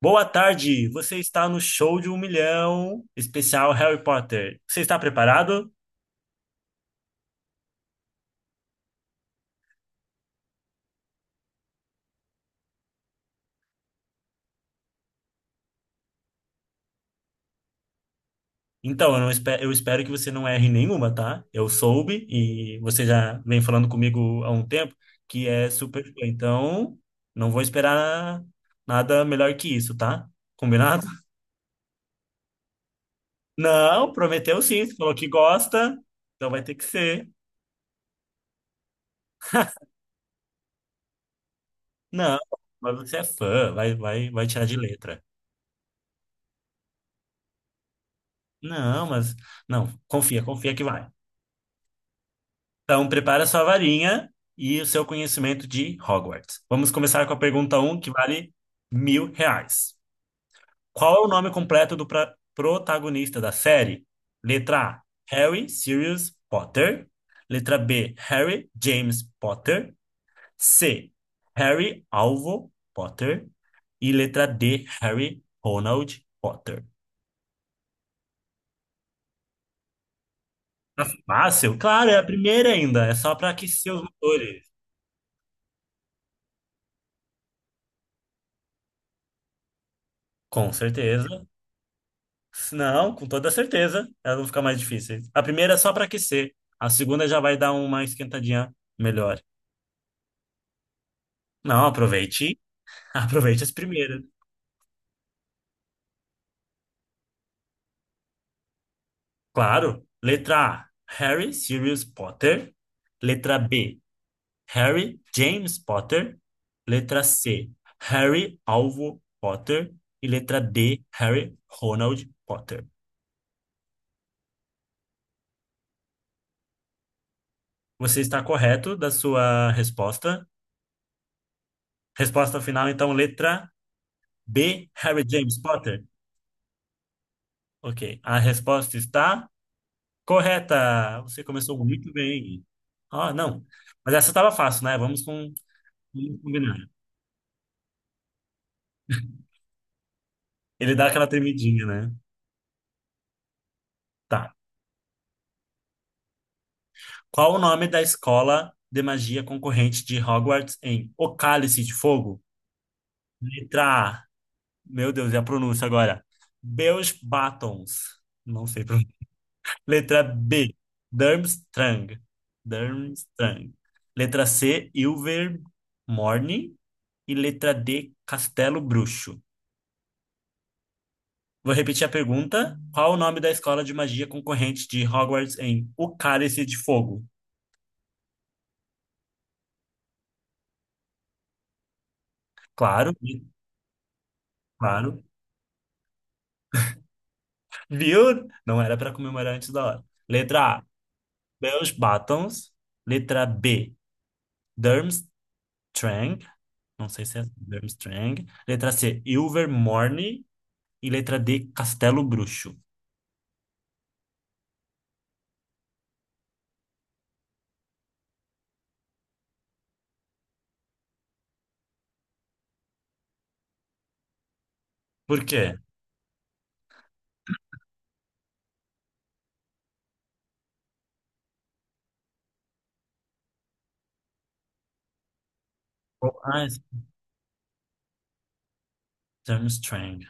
Boa tarde, você está no Show de um Milhão, especial Harry Potter. Você está preparado? Então, eu espero que você não erre nenhuma, tá? Eu soube e você já vem falando comigo há um tempo que é super fã, então não vou esperar nada melhor que isso, tá? Combinado? Não, prometeu sim, você falou que gosta, então vai ter que ser. Não, mas você é fã, vai tirar de letra. Não, mas não, confia que vai. Então, prepara sua varinha e o seu conhecimento de Hogwarts. Vamos começar com a pergunta um que vale mil reais. Qual é o nome completo do protagonista da série? Letra A, Harry Sirius Potter. Letra B, Harry James Potter. C, Harry Alvo Potter. E letra D, Harry Ronald Potter. Tá fácil? Claro, é a primeira ainda. É só para aquecer os motores. Com certeza. Não, com toda certeza, elas vão ficar mais difíceis. A primeira é só para aquecer, a segunda já vai dar uma esquentadinha melhor. Não, aproveite, aproveite as primeiras. Claro, letra A, Harry Sirius Potter. Letra B, Harry James Potter. Letra C, Harry Alvo Potter. E letra D, Harry Ronald Potter. Você está correto da sua resposta. Resposta final, então, letra B, Harry James Potter. Ok. A resposta está correta. Você começou muito bem. Ah, não. Mas essa estava fácil, né? Vamos com... Vamos combinar. Ele dá aquela tremidinha, né? Tá. Qual o nome da escola de magia concorrente de Hogwarts em O Cálice de Fogo? Letra A. Meu Deus, e a pronúncia agora? Beus Batons. Não sei pronunciar. Letra B, Durmstrang. Durmstrang. Letra C, Ilvermorny. E letra D, Castelo Bruxo. Vou repetir a pergunta. Qual o nome da escola de magia concorrente de Hogwarts em O Cálice de Fogo? Claro, claro. Viu? Não era para comemorar antes da hora. Letra A, Bellebatons. Letra B, Durmstrang. Não sei se é Durmstrang. Letra C, Ilvermorny. E letra D, Castelo Bruxo. Por quê? Ah, Strang.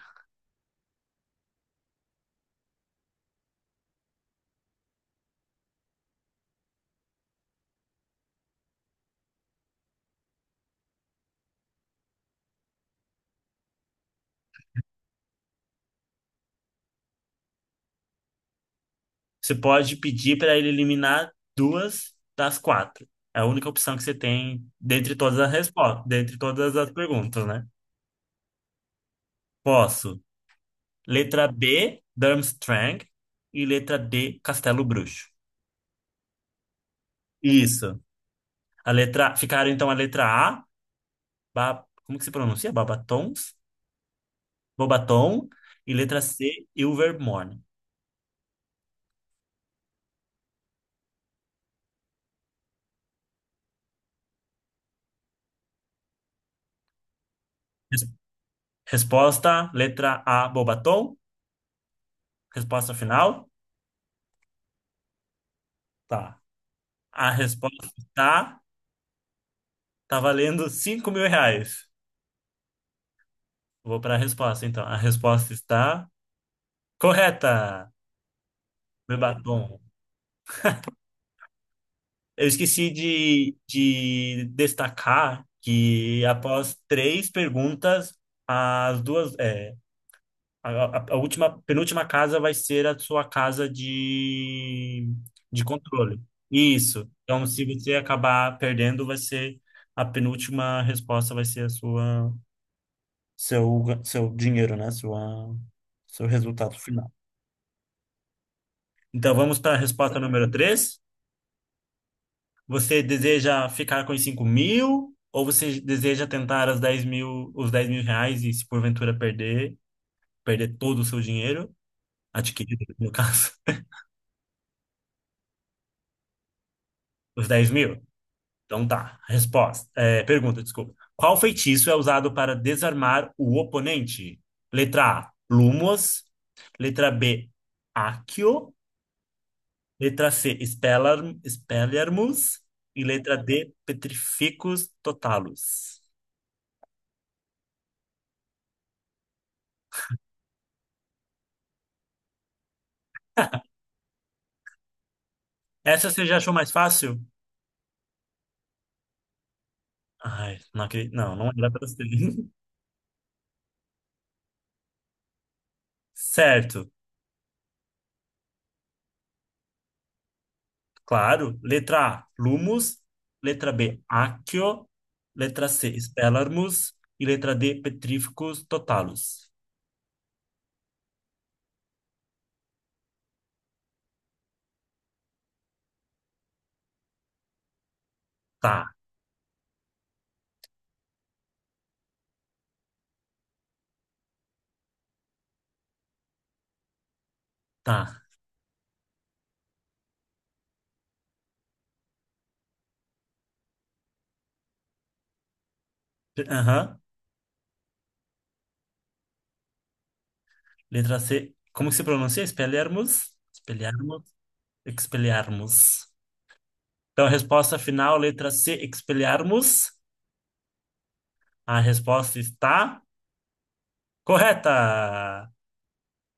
Você pode pedir para ele eliminar duas das quatro. É a única opção que você tem dentre todas as respostas, dentre todas as perguntas, né? Posso. Letra B, Durmstrang. E letra D, Castelo Bruxo. Isso. A letra... Ficaram, então, a letra A, como que se pronuncia? Babatons? Bobaton. E letra C, Ilvermorny. Res- Resposta, letra A, Bobaton. Resposta final? Tá. A resposta está. Tá valendo 5 mil reais. Vou para a resposta, então. A resposta está correta, meu batom. Eu esqueci de destacar que após três perguntas, as duas. É, a, a última, penúltima casa vai ser a sua casa de controle. Isso. Então, se você acabar perdendo, vai ser a penúltima resposta, vai ser a sua. Seu dinheiro, né? Seu resultado final. Então vamos para a resposta número três. Você deseja ficar com os 5 mil ou você deseja tentar os 10 mil reais e se porventura perder, todo o seu dinheiro, adquirido no caso, os 10 mil? Então tá, pergunta, desculpa. Qual feitiço é usado para desarmar o oponente? Letra A, Lumos. Letra B, Accio. Letra C, Expelliarmus. E letra D, Petrificus Totalus. Essa você já achou mais fácil? Ai, não acredito. Não, não era pra ser. Certo, claro. Letra A, Lumus. Letra B, Accio. Letra C, Expelliarmus. E letra D, Petrificus Totalus. Tá, tá. Aham. Letra C, como que se pronuncia? Expelliarmus? Expelliarmus? Expelliarmus. Então, resposta final, letra C, expelharmos. A resposta está correta.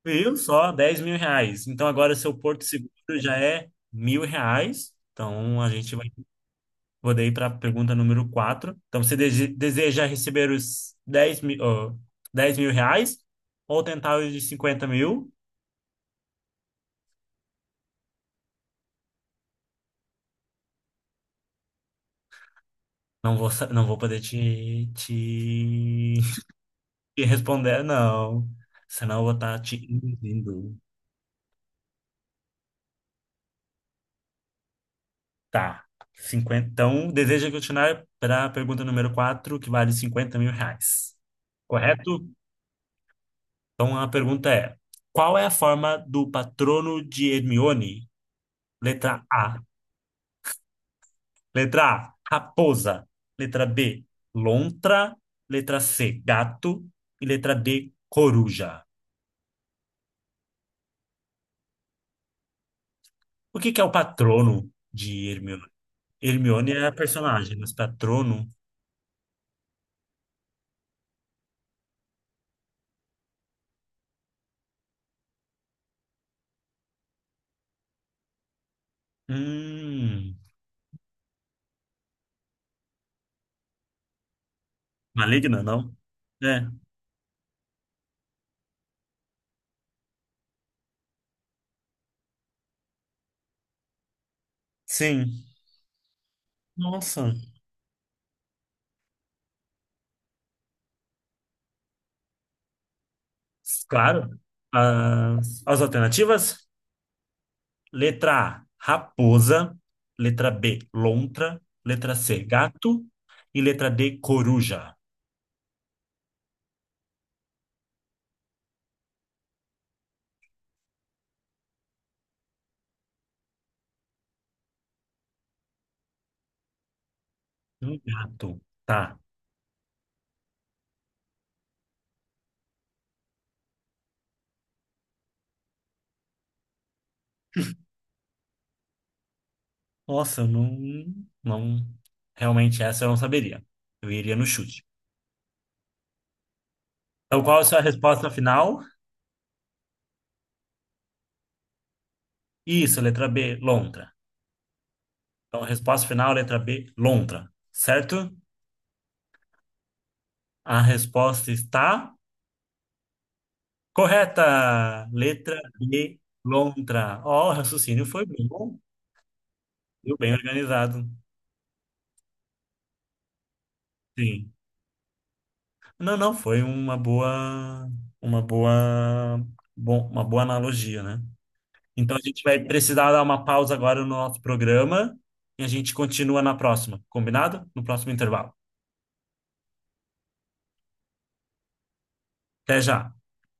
Viu? Só 10 mil reais. Então, agora seu Porto Seguro já é mil reais. Então, a gente vai poder ir para a pergunta número quatro. Então, você deseja receber os 10 mil, ó, 10 mil reais ou tentar os de 50 mil? Não vou, não vou poder te responder, não. Senão eu vou estar te induzindo. Tá. 50 Então, deseja continuar para a pergunta número 4 que vale 50 mil reais. Correto? Então, a pergunta é: qual é a forma do patrono de Hermione? Letra A. Letra A, raposa. Letra B, lontra. Letra C, gato. E letra D, coruja. O que que é o patrono de Hermione? Hermione é a personagem, mas patrono. Hum. Maligna, não? É. Sim. Nossa. Claro. As alternativas: letra A, raposa. Letra B, lontra. Letra C, gato. E letra D, coruja. Um gato. Tá. Nossa, eu não, não. Realmente, essa eu não saberia. Eu iria no chute. Então, qual é a sua resposta final? Isso, letra B, lontra. Então, resposta final, letra B, lontra. Certo? A resposta está. Correta! Letra B, lontra. Ó, o raciocínio foi bom. Deu bem organizado. Sim. Não, não, foi uma boa, uma boa analogia, né? Então a gente vai precisar dar uma pausa agora no nosso programa e a gente continua na próxima, combinado? No próximo intervalo. Até já.